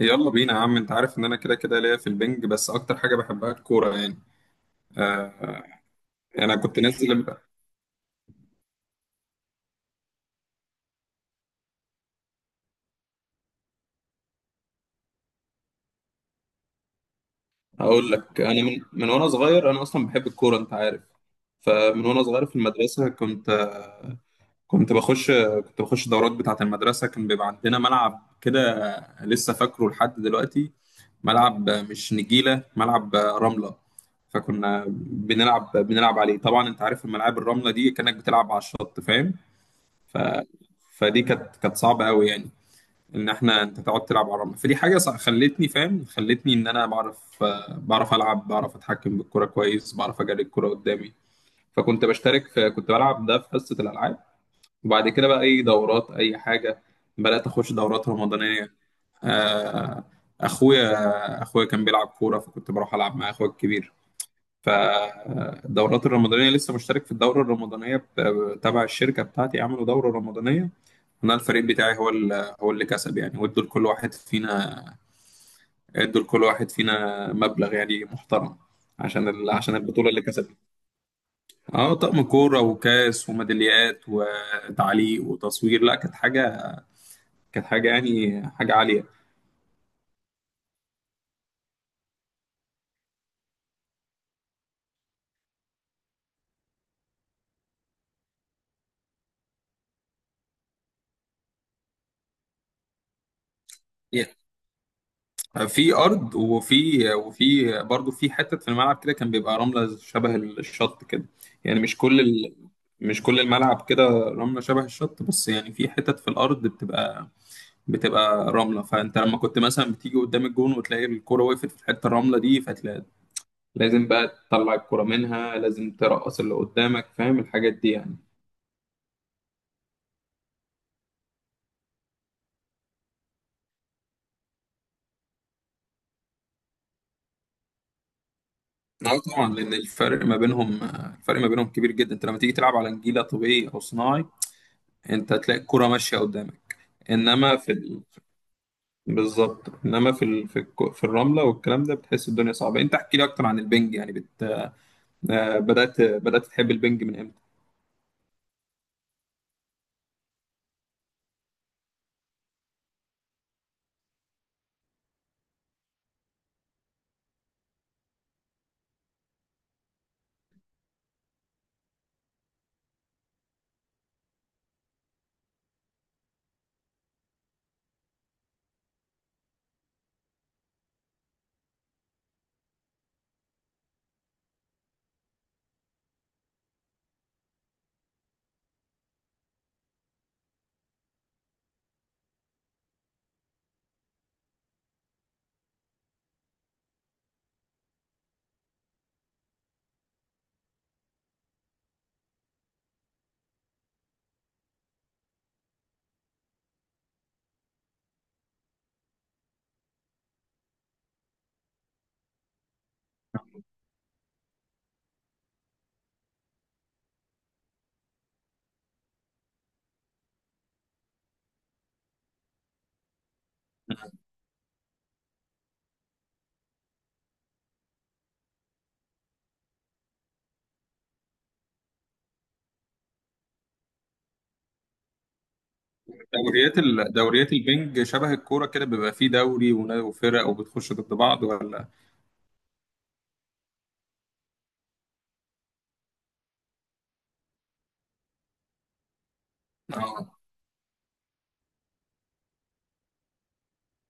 يلا بينا يا عم، انت عارف ان انا كده كده ليا في البنج، بس اكتر حاجه بحبها الكوره يعني. آه انا كنت نازل اقول لك، انا من وانا صغير انا اصلا بحب الكوره انت عارف. فمن وانا صغير في المدرسه كنت بخش كنت بخش دورات بتاعه المدرسه، كان بيبقى عندنا ملعب كده. لسه فاكره لحد دلوقتي، ملعب مش نجيله، ملعب رمله. فكنا بنلعب عليه، طبعا انت عارف الملاعب الرمله دي كانك بتلعب على الشط، فاهم؟ ف... فدي كانت صعبه قوي يعني، ان احنا انت تقعد تلعب على الرمل، فدي حاجه خلتني ان انا بعرف، بعرف العب، بعرف اتحكم بالكره كويس، بعرف اجري الكره قدامي. فكنت بشترك في كنت بلعب ده في حصه الالعاب. وبعد كده بقى اي دورات اي حاجه، بدات اخش دورات رمضانيه. آه، اخويا اخويا كان بيلعب كوره، فكنت بروح العب مع اخويا الكبير. فالدورات الرمضانية، لسه مشترك في الدورة الرمضانية تبع الشركة بتاعتي، عملوا دورة رمضانية. أنا الفريق بتاعي هو هو اللي كسب يعني، وادوا لكل واحد فينا ادوا لكل واحد فينا مبلغ يعني محترم. عشان البطولة اللي كسبت. اه، طقم كورة وكاس وميداليات وتعليق وتصوير، لا كانت حاجة، كانت حاجة يعني حاجة عالية. في ارض، وفي برضه في حتت في الملعب كده كان بيبقى رمله شبه الشط كده. يعني مش كل ال... مش كل الملعب كده رمله شبه الشط، بس يعني في حتت في الارض بتبقى، بتبقى رمله. فانت لما كنت مثلا بتيجي قدام الجون، وتلاقي الكرة وقفت في الحته الرمله دي، فتلاقي لازم بقى تطلع الكرة منها، لازم ترقص اللي قدامك، فاهم الحاجات دي يعني. اه طبعا، لان الفرق ما بينهم كبير جدا. انت لما تيجي تلعب على نجيله طبيعي او صناعي، انت تلاقي الكرة ماشيه قدامك. انما في ال... بالظبط، انما في ال... في, الك... في الرمله والكلام ده بتحس الدنيا صعبه. انت احكي لي اكتر عن البنج، يعني بت... آه، بدات تحب البنج من امتى؟ دوريات البنج شبه الكوره كده، بيبقى فيه دوري وفرق وبتخش ضد بعض ولا؟ اه.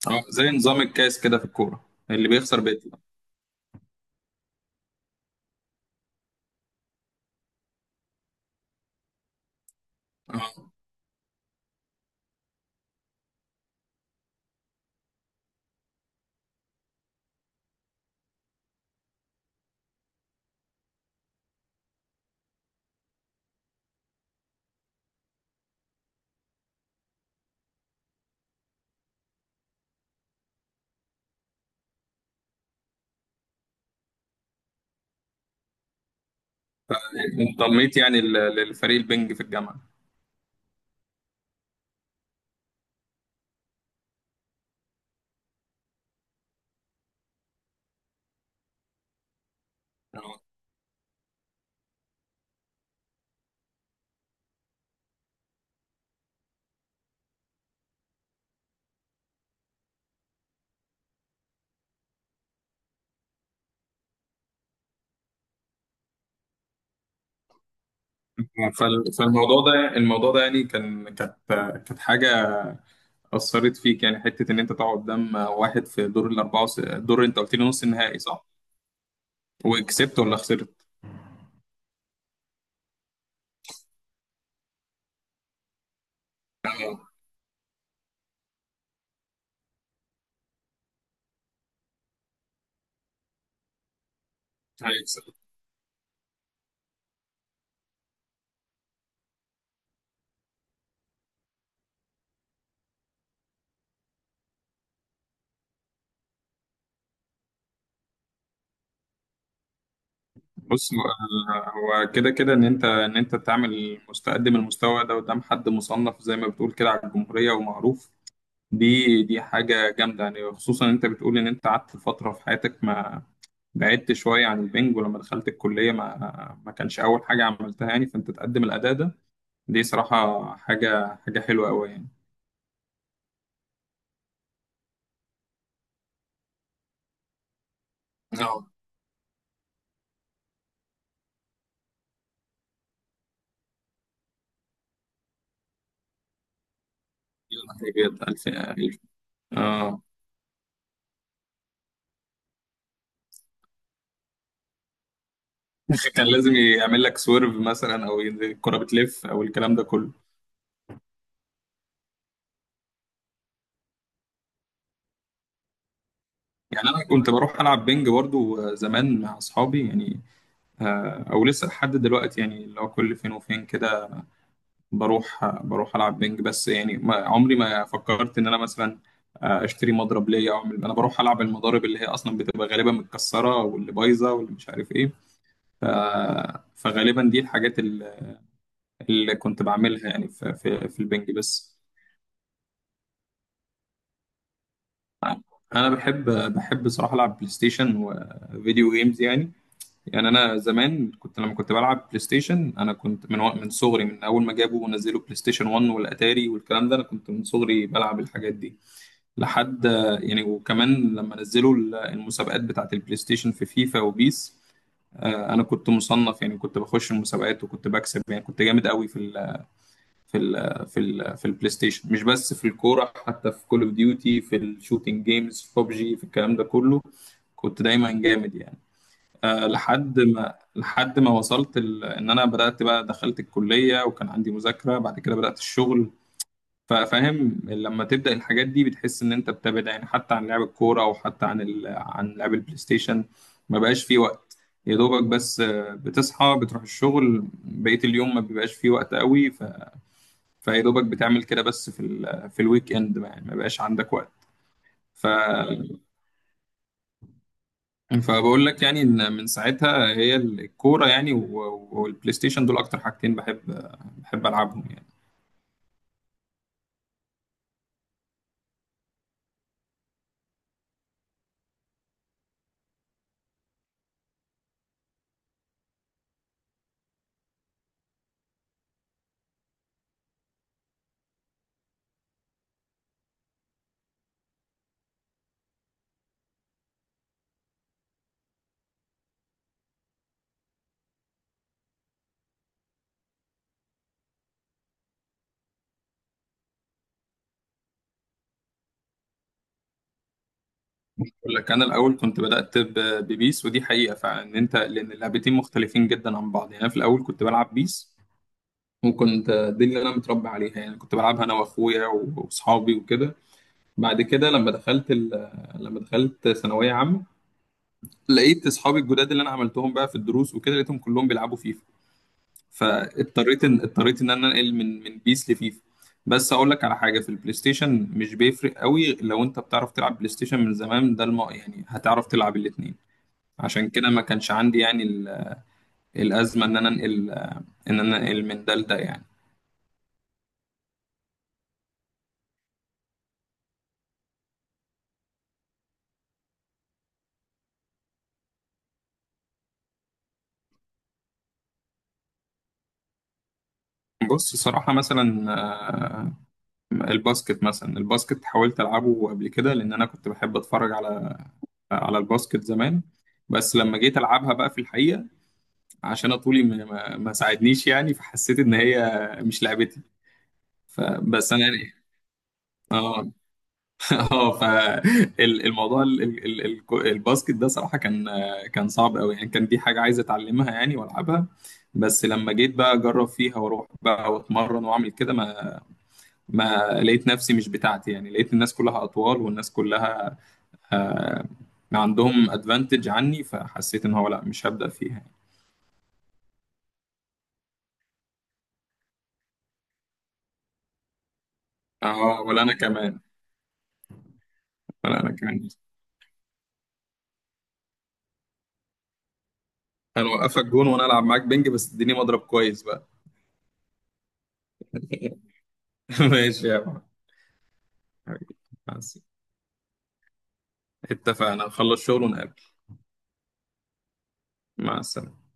اه، زي نظام الكاس كده في الكوره، اللي بيخسر بيطلع. اه، انضميت يعني للفريق البنج في الجامعه؟ آه. فالموضوع ده يعني كانت كانت حاجه اثرت فيك يعني، حته ان انت تقعد قدام واحد في دور الاربعه، دور انت قلت لي نص النهائي، صح؟ وكسبت ولا خسرت؟ اه، هيكسب. بص هو، هو كده كده ان انت، ان انت تعمل مستقدم المستوى ده قدام حد مصنف زي ما بتقول كده على الجمهوريه ومعروف، دي حاجه جامده يعني، خصوصا ان انت بتقول ان انت قعدت فتره في حياتك، ما بعدت شويه عن البنج، ولما دخلت الكليه ما كانش اول حاجه عملتها، يعني فانت تقدم الاداء ده، دي صراحه حاجه حلوه قوي، يعني. يا نهار أبيض، ألف ألف؟ اه. كان لازم يعمل لك سويرف مثلا، او ينزل الكرة بتلف، او الكلام ده كله. يعني انا كنت بروح العب بينج برضو زمان مع اصحابي يعني. او لسه لحد دلوقتي يعني، اللي هو كل فين وفين كده، بروح العب بينج. بس يعني ما عمري ما فكرت ان انا مثلا، اشتري مضرب ليا او اعمل، انا بروح العب المضارب اللي هي اصلا بتبقى غالبا متكسره، واللي بايظه، واللي مش عارف ايه. ف... فغالبا دي الحاجات اللي كنت بعملها يعني، في في البنج بس. انا بحب، بحب صراحه العب بلاي ستيشن وفيديو جيمز يعني. يعني انا زمان كنت لما كنت بلعب بلاي ستيشن، انا كنت من صغري، من اول ما جابوا ونزلوا بلاي ستيشن 1 والاتاري والكلام ده، انا كنت من صغري بلعب الحاجات دي لحد، يعني. وكمان لما نزلوا المسابقات بتاعت البلاي ستيشن في فيفا وبيس، انا كنت مصنف يعني، كنت بخش المسابقات وكنت بكسب، يعني كنت جامد قوي في، في ال في ال في البلاي ستيشن، مش بس في الكوره، حتى في كول اوف ديوتي، في الشوتينج جيمز، في ببجي، في الكلام ده كله كنت دايما جامد يعني. أه، لحد ما ان انا بدات بقى، دخلت الكليه وكان عندي مذاكره، بعد كده بدات الشغل. ففاهم، لما تبدا الحاجات دي بتحس ان انت بتبعد، يعني حتى عن لعب الكوره، او حتى عن لعب البلاي ستيشن، ما بقاش فيه وقت. يا دوبك بس، بتصحى بتروح الشغل، بقية اليوم ما بيبقاش فيه وقت قوي، فيا دوبك بتعمل كده بس في ال في الويك اند، يعني ما بقاش عندك وقت. ف فبقول لك يعني، ان من ساعتها هي الكوره يعني، والبلاي ستيشن، دول اكتر حاجتين بحب، بحب العبهم يعني. بقول لك انا الاول كنت بدات ببيس، ودي حقيقه فعلا، ان انت لان اللعبتين مختلفين جدا عن بعض يعني. انا في الاول كنت بلعب بيس، وكنت دي اللي انا متربي عليها يعني، كنت بلعبها انا واخويا واصحابي وكده. بعد كده لما دخلت ثانويه عامه، لقيت اصحابي الجداد اللي انا عملتهم بقى في الدروس وكده، لقيتهم كلهم بيلعبوا فيفا، فاضطريت ان، اضطريت ان انا انقل من بيس لفيفا. بس اقول لك على حاجه، في البلاي ستيشن مش بيفرق قوي لو انت بتعرف تلعب بلاي ستيشن من زمان، يعني هتعرف تلعب الاثنين. عشان كده ما كانش عندي يعني الازمه ان انا انقل، ان انا انقل من ده لده يعني. بص صراحة مثلا، الباسكت، مثلا الباسكت حاولت ألعبه قبل كده، لأن أنا كنت بحب أتفرج على الباسكت زمان. بس لما جيت ألعبها بقى في الحقيقة، عشان أنا طولي ما ساعدنيش يعني، فحسيت ان هي مش لعبتي. فبس انا يعني، اه. اه، فالموضوع الباسكت ده صراحة كان، كان صعب قوي يعني، كان دي حاجة عايز اتعلمها يعني والعبها. بس لما جيت بقى اجرب فيها، واروح بقى واتمرن واعمل كده، ما لقيت نفسي مش بتاعتي يعني، لقيت الناس كلها اطوال، والناس كلها آه، عندهم ادفانتج عني، فحسيت ان هو لا، مش هبدأ فيها يعني. اه، ولا انا كمان. ولا انا كمان. هنوقفك جون وانا العب معاك بنج، بس اديني مضرب كويس بقى. ماشي يا عم، حبيبي. مع السلامة. اتفقنا نخلص شغل ونقابل. مع السلامة.